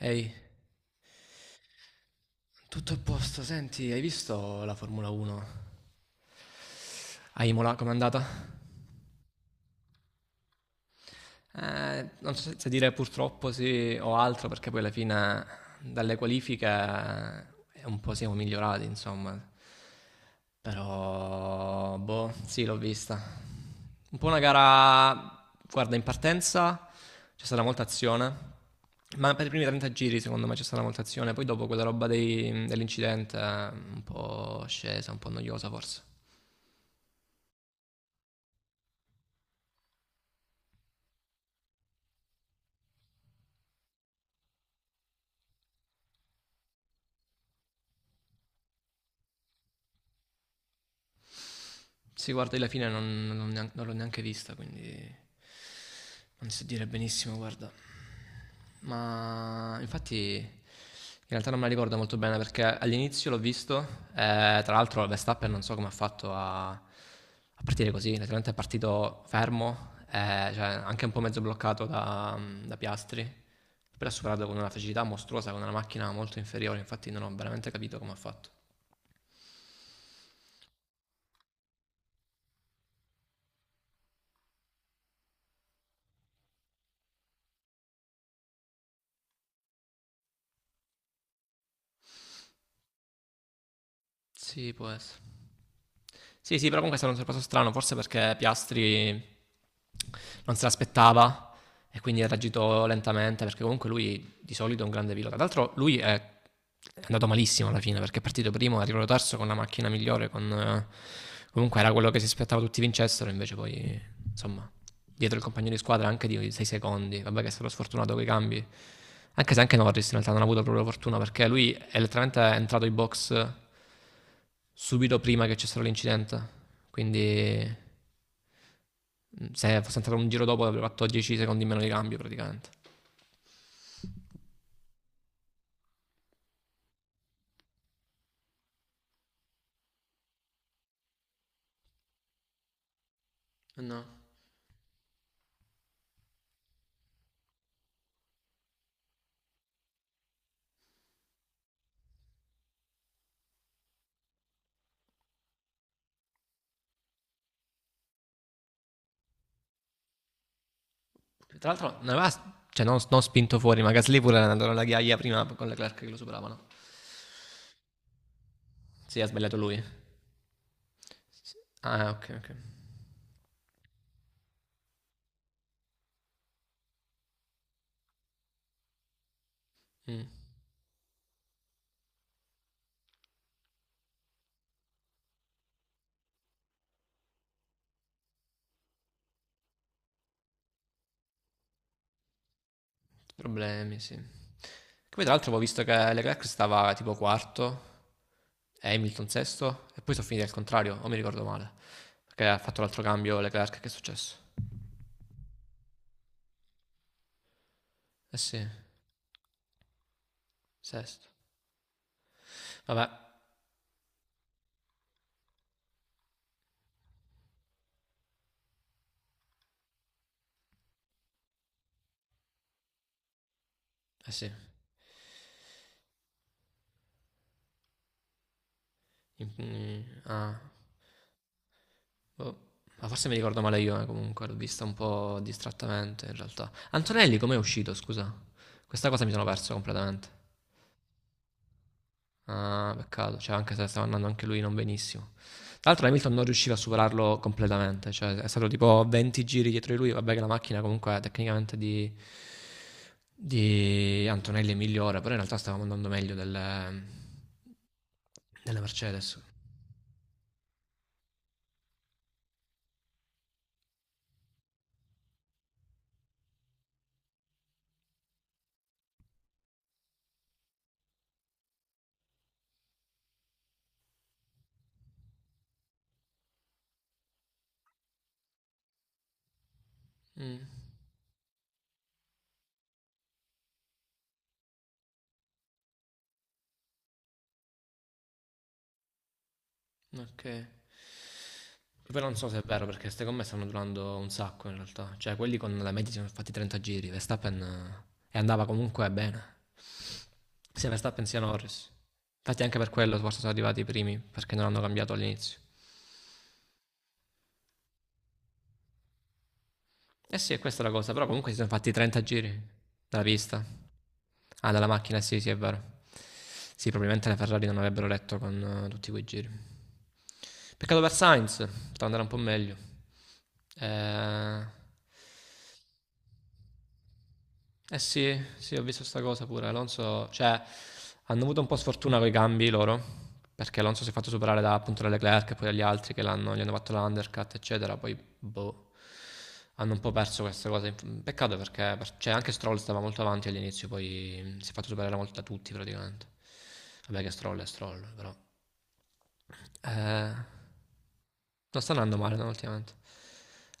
Ehi, tutto a posto, senti, hai visto la Formula 1? A Imola com'è andata? Non so se dire purtroppo sì o altro, perché poi alla fine dalle qualifiche un po' siamo migliorati, insomma. Però, boh, sì, l'ho vista. Un po' una gara, guarda, in partenza c'è stata molta azione, ma per i primi 30 giri secondo me c'è stata molta azione, poi dopo quella roba dell'incidente, un po' scesa, un po' noiosa forse. Sì, guarda, io la fine non l'ho neanche vista, quindi non so dire benissimo, guarda. Ma infatti in realtà non me la ricordo molto bene perché all'inizio l'ho visto, tra l'altro Verstappen non so come ha fatto a partire così, letteralmente è partito fermo, cioè anche un po' mezzo bloccato da Piastri, però ha superato con una facilità mostruosa, con una macchina molto inferiore, infatti non ho veramente capito come ha fatto. Sì, può essere. Sì, sì, però comunque è stato un sorpasso strano, forse perché Piastri non se l'aspettava e quindi ha reagito lentamente, perché comunque lui di solito è un grande pilota. Tra l'altro lui è andato malissimo alla fine perché è partito primo, è arrivato terzo con la macchina migliore, comunque era quello che si aspettava tutti vincessero, invece poi insomma dietro il compagno di squadra anche di 6 secondi, vabbè che è stato sfortunato con i cambi, anche se anche Norris in realtà non ha avuto proprio fortuna perché lui è letteralmente entrato in box subito prima che c'è stato l'incidente. Quindi se fosse entrato un giro dopo avrebbe fatto 10 secondi meno di cambio praticamente. No. Tra l'altro non aveva cioè, non spinto fuori, ma Gasly pure era andato alla ghiaia prima con Leclerc che lo superavano. Sì, ha sbagliato lui. Ah, ok, ok. Mm, problemi, sì. Poi tra l'altro ho visto che Leclerc stava tipo quarto, Hamilton sesto, e poi sono finiti al contrario, o mi ricordo male. Perché ha fatto l'altro cambio Leclerc, che è successo? Eh sì, sesto. Vabbè, eh sì. Mm, ah, boh. Ma forse mi ricordo male io, comunque, l'ho vista un po' distrattamente in realtà. Antonelli com'è uscito, scusa? Questa cosa mi sono perso completamente. Ah, peccato, cioè anche se stava andando anche lui non benissimo. Tra l'altro Hamilton non riusciva a superarlo completamente, cioè è stato tipo 20 giri dietro di lui, vabbè che la macchina comunque tecnicamente di Antonelli è migliore, però in realtà stavamo andando meglio delle Mercedes. Mm, ok. Che poi non so se è vero perché queste gomme stanno durando un sacco in realtà. Cioè, quelli con la media si sono fatti 30 giri. Verstappen e andava comunque bene. Sia Verstappen sia Norris. Infatti anche per quello forse sono arrivati i primi perché non hanno cambiato all'inizio. Eh sì, questa è la cosa, però comunque si sono fatti 30 giri dalla pista. Ah, dalla macchina, sì, sì, è vero. Sì, probabilmente le Ferrari non avrebbero retto con tutti quei giri. Peccato per Sainz, poteva andare un po' meglio. Eh, Eh sì, sì, ho visto sta cosa pure. Alonso, cioè, hanno avuto un po' sfortuna con i cambi loro, perché Alonso si è fatto superare da appunto da Leclerc e poi dagli altri che gli hanno fatto l'undercut, eccetera. Poi, boh, hanno un po' perso queste cose. Peccato perché, cioè, anche Stroll stava molto avanti all'inizio, poi si è fatto superare molto da tutti praticamente. Vabbè che Stroll è Stroll, però. Eh, Non sta andando male no, ultimamente.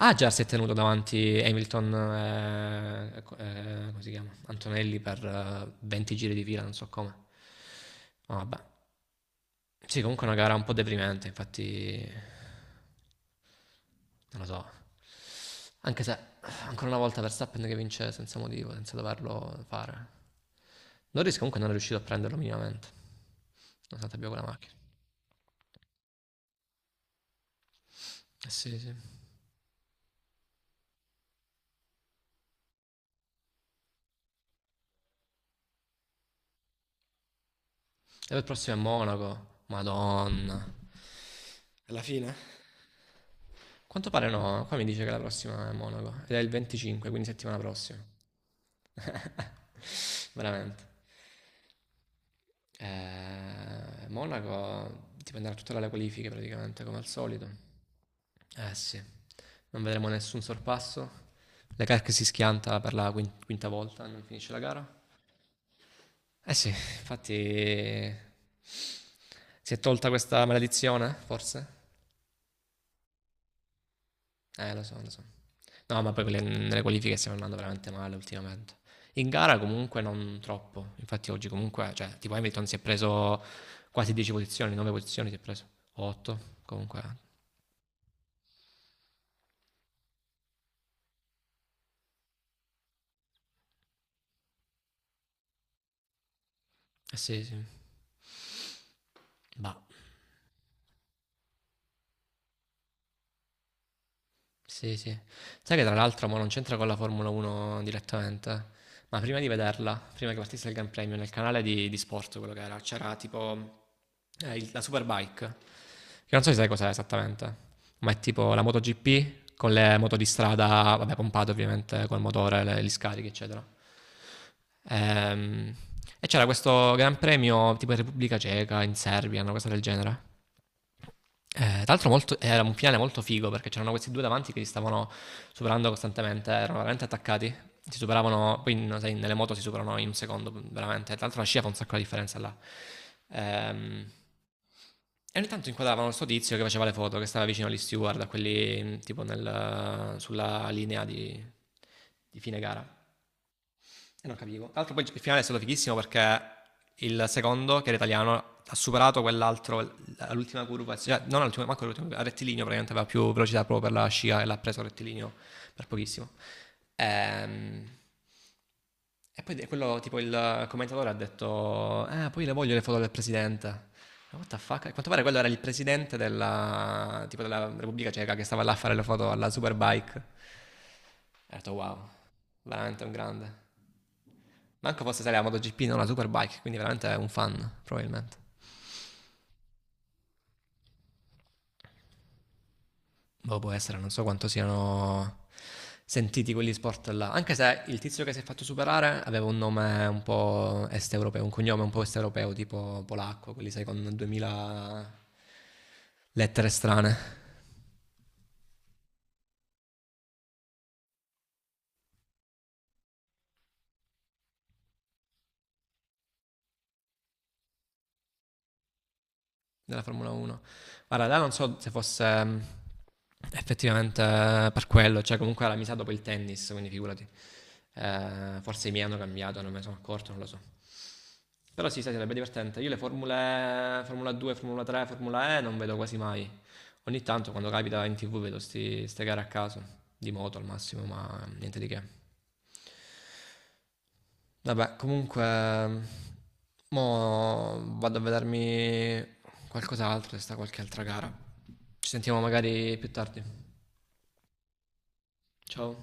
Ah, già si è tenuto davanti Hamilton, come si chiama? Antonelli per 20 giri di fila, non so come. Ma vabbè. Sì, comunque è una gara un po' deprimente, infatti non lo so. Anche se ancora una volta Verstappen che vince senza motivo, senza doverlo fare. Norris comunque non è riuscito a prenderlo minimamente, nonostante abbia quella macchina. Eh sì, sì. E per il prossimo è Monaco. Madonna. Alla fine? Quanto pare no, qua mi dice che la prossima è Monaco ed è il 25, quindi settimana prossima. Veramente. Monaco dipenderà tutto dalle qualifiche praticamente, come al solito. Eh sì, non vedremo nessun sorpasso. Leclerc si schianta per la quinta volta, non finisce la gara. Eh sì, infatti si è tolta questa maledizione, forse? Lo so, lo so. No, ma poi nelle qualifiche stiamo andando veramente male ultimamente. In gara comunque non troppo. Infatti oggi comunque, cioè, tipo Hamilton si è preso quasi 10 posizioni, 9 posizioni si è preso. 8, comunque. Eh sì, sì. Bah. Sì, sì. Sai che tra l'altro mo non c'entra con la Formula 1 direttamente, ma prima di vederla, prima che partisse il Gran Premio, nel canale di sport, quello che era, c'era tipo la Superbike, che non so se sai cos'è esattamente, ma è tipo la MotoGP con le moto di strada, vabbè, pompate ovviamente col motore, gli scarichi, eccetera. Ehm, e c'era questo Gran Premio tipo in Repubblica Ceca, in Serbia, una cosa del genere. Tra l'altro era un finale molto figo perché c'erano questi due davanti che si stavano superando costantemente, erano veramente attaccati, si superavano, poi no, sai, nelle moto si superano in un secondo, veramente, tra l'altro la scia fa un sacco di differenza là. Ehm, e ogni tanto inquadravano sto tizio che faceva le foto, che stava vicino agli steward, a quelli tipo sulla linea di fine gara. E non capivo. Tra l'altro poi il finale è stato fighissimo perché il secondo, che era italiano, ha superato quell'altro, l'ultima curva, cioè, non l'ultima, manco l'ultima, a rettilineo praticamente aveva più velocità proprio per la scia e l'ha preso a rettilineo per pochissimo. Ehm, E poi quello, tipo il commentatore ha detto, poi le voglio le foto del presidente. Ma what the fuck? A quanto pare quello era il presidente della, tipo della Repubblica Ceca che stava là a fare le foto alla Superbike. E ho detto wow, veramente un grande. Manco fosse stare la MotoGP, non la Superbike, quindi veramente è un fan, probabilmente. Boh, può essere, non so quanto siano sentiti quegli sport là. Anche se il tizio che si è fatto superare aveva un nome un po' est europeo, un cognome un po' est europeo, tipo polacco, quelli sai con 2000 lettere strane della Formula 1. Guarda, là non so se fosse effettivamente per quello, cioè comunque era misato dopo il tennis, quindi figurati. Forse i miei hanno cambiato, non me ne sono accorto, non lo so. Però sì, sai, sarebbe divertente. Io le formule Formula 2, Formula 3, Formula E non vedo quasi mai. Ogni tanto quando capita in tv vedo ste gare a caso, di moto al massimo, ma niente di che. Vabbè, comunque, mo vado a vedermi qualcos'altro, se sta qualche altra gara. Ci sentiamo magari più tardi. Ciao.